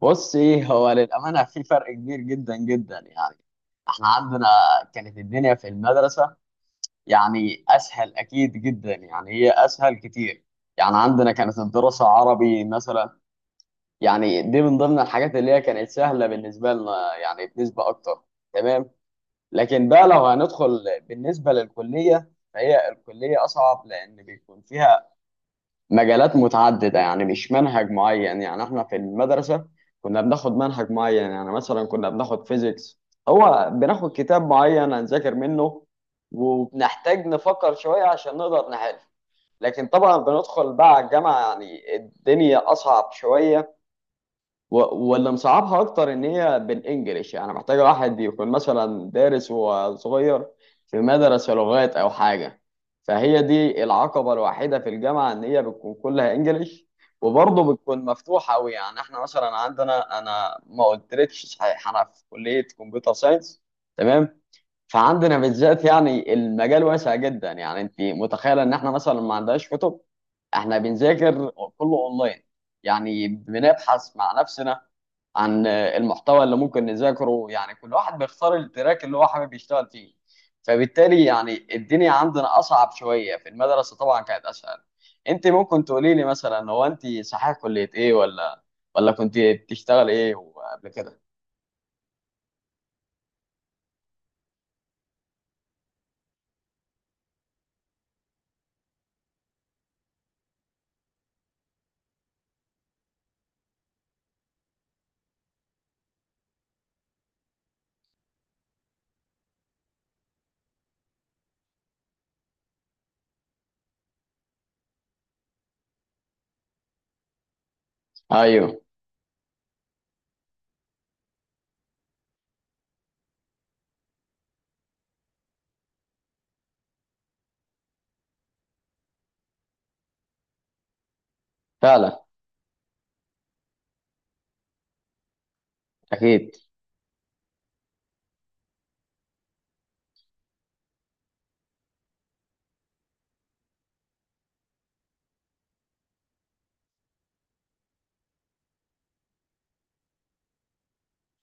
بص، ايه هو للامانه في فرق كبير جدا جدا يعني. احنا عندنا كانت الدنيا في المدرسه يعني اسهل اكيد جدا، يعني هي اسهل كتير. يعني عندنا كانت الدراسه عربي مثلا، يعني دي من ضمن الحاجات اللي هي كانت سهله بالنسبه لنا يعني بنسبه اكتر. تمام. لكن بقى لو هندخل بالنسبه للكليه فهي الكليه اصعب لان بيكون فيها مجالات متعددة، يعني مش منهج معين. يعني احنا في المدرسة كنا بناخد منهج معين، يعني مثلا كنا بناخد فيزيكس، هو بناخد كتاب معين هنذاكر منه، وبنحتاج نفكر شوية عشان نقدر نحل. لكن طبعا بندخل بقى على الجامعة يعني الدنيا أصعب شوية و- واللي مصعبها اكتر ان هي بالانجلش، يعني محتاجه واحد يكون مثلا دارس وصغير في مدرسه لغات او حاجه. فهي دي العقبه الوحيده في الجامعه، ان هي بتكون كلها انجلش، وبرضه بتكون مفتوحه قوي. يعني احنا مثلا عندنا، انا ما قلتلكش صحيح، انا في كليه كمبيوتر ساينس. تمام. فعندنا بالذات يعني المجال واسع جدا، يعني انت متخيله ان احنا مثلا ما عندناش كتب، احنا بنذاكر كله اونلاين، يعني بنبحث مع نفسنا عن المحتوى اللي ممكن نذاكره. يعني كل واحد بيختار التراك اللي هو حابب يشتغل فيه، فبالتالي يعني الدنيا عندنا أصعب شوية. في المدرسة طبعا كانت أسهل. أنت ممكن تقولي لي مثلا، هو أنت صحيح كلية إيه، ولا كنت بتشتغل إيه قبل كده؟ أيوه. فعلا. أكيد.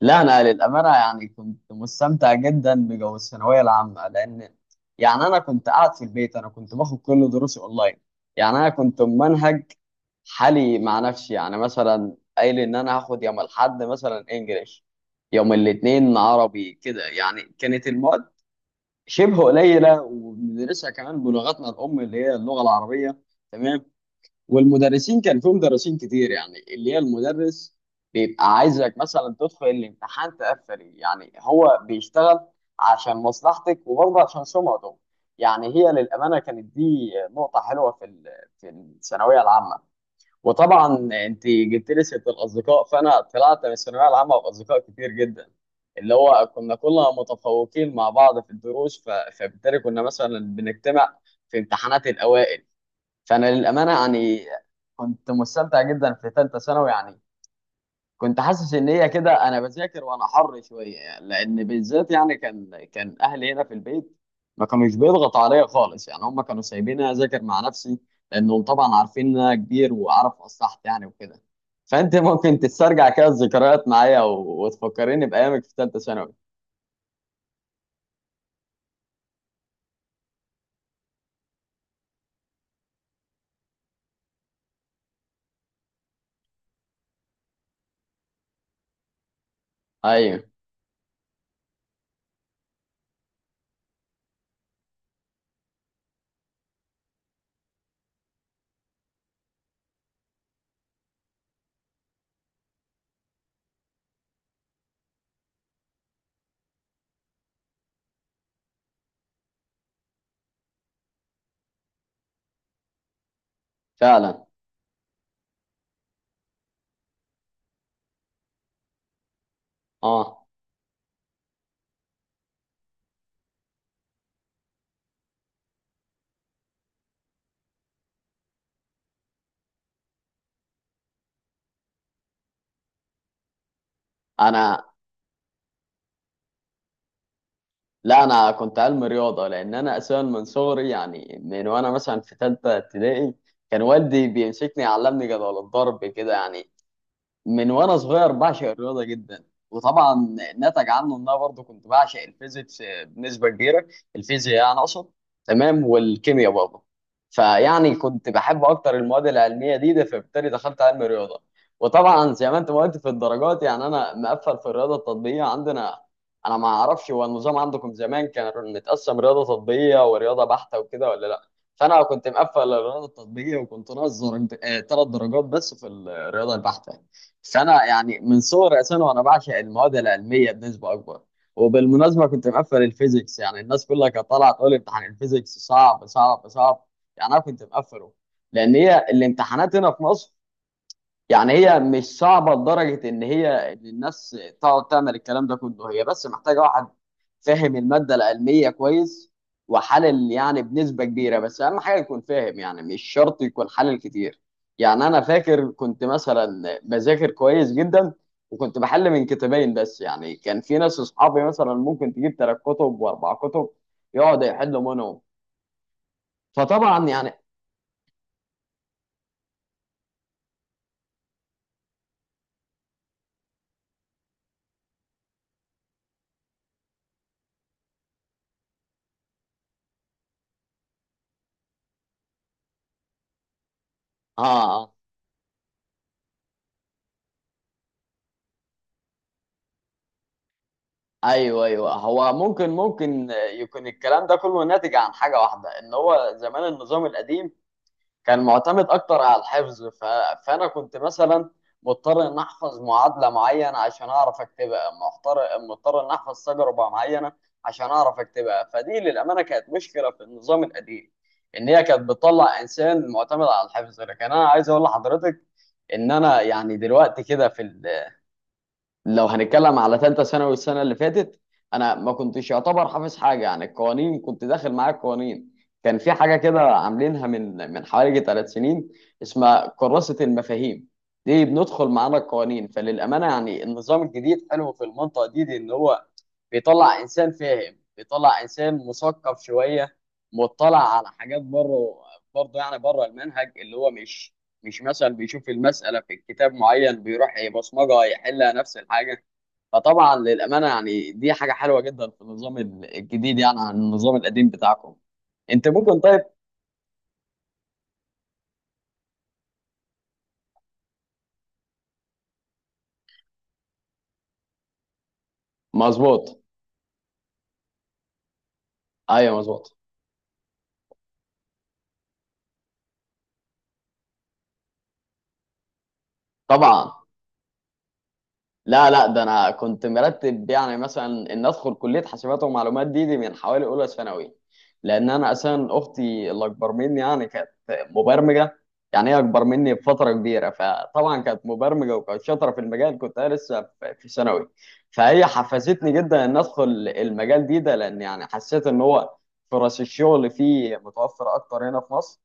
لا أنا للأمانة يعني كنت مستمتع جدا بجو الثانوية العامة، لأن يعني أنا كنت قاعد في البيت، أنا كنت باخد كل دروسي أونلاين. يعني أنا كنت منهج حالي مع نفسي، يعني مثلا قايل ان انا هاخد يوم الاحد مثلا انجليش، يوم الاثنين عربي، كده. يعني كانت المواد شبه قليله، وبندرسها كمان بلغتنا الام اللي هي اللغه العربيه. تمام. والمدرسين، كان في مدرسين كتير، يعني اللي هي المدرس بيبقى عايزك مثلا تدخل الامتحان تقفل، يعني هو بيشتغل عشان مصلحتك وبرضه عشان سمعته. يعني هي للامانه كانت دي نقطه حلوه في في الثانويه العامه. وطبعا انت جبت لي سيره الاصدقاء، فانا طلعت من الثانويه العامه باصدقاء كتير جدا، اللي هو كنا كلنا متفوقين مع بعض في الدروس، فبالتالي كنا مثلا بنجتمع في امتحانات الاوائل. فانا للامانه يعني كنت مستمتع جدا في ثالثه ثانوي، يعني كنت حاسس ان هي كده انا بذاكر وانا حر شويه، يعني، لان بالذات يعني كان اهلي هنا في البيت، ما كانوش بيضغطوا عليا خالص، يعني هم كانوا سايبيني اذاكر مع نفسي، لانهم طبعا عارفين ان انا كبير واعرف اصلحت يعني، وكده. فانت ممكن تسترجع كده الذكريات معايا وتفكريني بايامك في ثالثه ثانوي. ايوه. فعلا. اه. انا. لا انا كنت علم رياضه، لان انا اساسا من صغري، يعني من وانا مثلا في ثالثه ابتدائي كان والدي بيمسكني يعلمني جدول الضرب كده. يعني من وانا صغير بعشق الرياضه جدا، وطبعا نتج عنه ان انا برضه كنت بعشق الفيزيكس بنسبه كبيره، الفيزياء يعني اقصد. تمام، والكيمياء برضه. فيعني كنت بحب اكتر المواد العلميه دي ده، فبالتالي دخلت علم الرياضه. وطبعا زي ما انت ما قلت في الدرجات، يعني انا مقفل في الرياضه التطبيقيه. عندنا انا ما اعرفش هو النظام عندكم زمان كان متقسم رياضه تطبيقيه ورياضه بحته وكده ولا لا. فانا كنت مقفل الرياضه التطبيقيه، وكنت ناقص 3 درجات بس في الرياضه البحته. بس انا يعني من صغري اساسا وانا بعشق المواد العلميه بنسبه اكبر. وبالمناسبه كنت مقفل الفيزيكس، يعني الناس كلها كانت طالعه تقول امتحان الفيزيكس صعب صعب صعب، يعني انا كنت مقفله. لان هي الامتحانات هنا في مصر، يعني هي مش صعبة لدرجة إن هي إن الناس تقعد تعمل الكلام ده كله، هي بس محتاجة واحد فاهم المادة العلمية كويس، وحلل يعني بنسبة كبيرة، بس أهم حاجة يكون فاهم، يعني مش شرط يكون حلل كتير. يعني أنا فاكر كنت مثلا بذاكر كويس جدا، وكنت بحل من كتابين بس. يعني كان في ناس أصحابي مثلا ممكن تجيب 3 كتب و4 كتب يقعد يحل منهم، فطبعا يعني. آه. آه. ايوه ايوه، هو ممكن يكون الكلام ده كله ناتج عن حاجه واحده، ان هو زمان النظام القديم كان معتمد اكتر على الحفظ. فانا كنت مثلا مضطر ان احفظ معادله معينه عشان اعرف اكتبها، مضطر. مضطر ان احفظ تجربه معينه عشان اعرف اكتبها. فدي للامانه كانت مشكله في النظام القديم، ان هي كانت بتطلع انسان معتمد على الحفظ. لكن انا عايز اقول لحضرتك ان انا يعني دلوقتي كده، في، لو هنتكلم على ثالثه ثانوي السنه اللي فاتت، انا ما كنتش يعتبر حافظ حاجه. يعني القوانين كنت داخل معايا القوانين. كان في حاجه كده عاملينها من حوالي 3 سنين، اسمها كراسه المفاهيم، دي بندخل معانا القوانين. فللامانه يعني النظام الجديد حلو في المنطقه دي، ان هو بيطلع انسان فاهم، بيطلع انسان مثقف شويه، مطلع على حاجات بره، برضه يعني بره المنهج. اللي هو مش مثلا بيشوف المسألة في كتاب معين بيروح يبصمجها يحلها نفس الحاجة. فطبعا للأمانة يعني دي حاجة حلوة جدا في النظام الجديد يعني عن النظام القديم بتاعكم. انت ممكن، طيب. مظبوط. ايوه مظبوط. طبعا. لا لا، ده انا كنت مرتب يعني مثلا ان ادخل كليه حاسبات ومعلومات دي من حوالي اولى ثانوي. لان انا اساسا اختي اللي اكبر مني يعني كانت مبرمجه. يعني هي اكبر مني بفتره كبيره، فطبعا كانت مبرمجه وكانت شاطره في المجال. كنت انا لسه في ثانوي. فهي حفزتني جدا ان ادخل المجال ده، لان يعني حسيت ان هو فرص الشغل فيه متوفره اكتر هنا في مصر،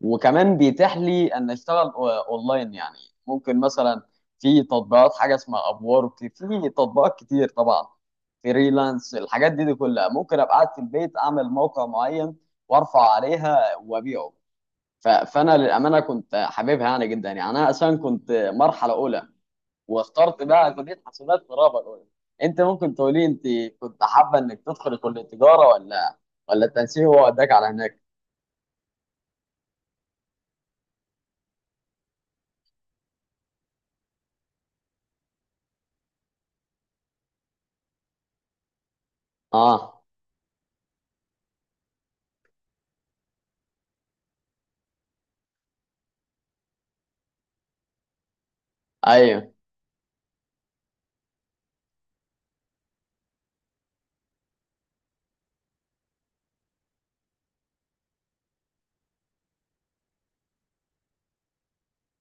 وكمان بيتاح لي ان اشتغل اونلاين يعني. ممكن مثلا في تطبيقات، حاجه اسمها ابورك، في تطبيقات كتير طبعا، فريلانس. الحاجات دي كلها ممكن ابقى قاعد في البيت اعمل موقع معين وارفع عليها وابيعه. فانا للامانه كنت حاببها يعني جدا، يعني انا اصلا كنت مرحله اولى، واخترت بقى كليه حسابات في الرابعه الاولى. انت ممكن تقولي، انت كنت حابه انك تدخل كليه تجاره، ولا التنسيق هو وداك على هناك؟ اه. ايوه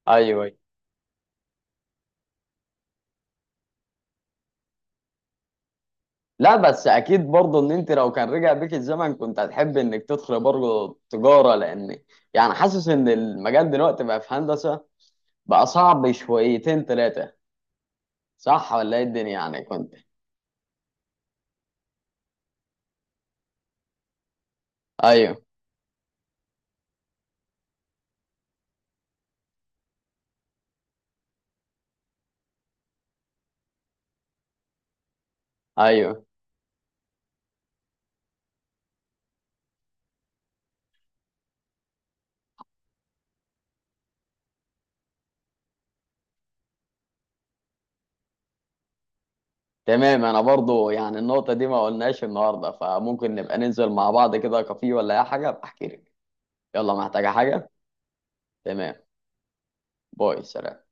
ايوه. لا، بس اكيد برضه ان انت لو كان رجع بيك الزمن كنت هتحب انك تدخل برضه تجاره، لان يعني حاسس ان المجال دلوقتي بقى في هندسه بقى صعب شويتين ثلاثه. صح ولا ايه الدنيا؟ يعني كنت. ايوه ايوه. تمام، انا برضه يعني النقطه دي ما قلناش النهارده، فممكن نبقى ننزل مع بعض كده كافيه ولا اي حاجه، بحكي لك. يلا، محتاجه حاجه؟ تمام. باي، سلام.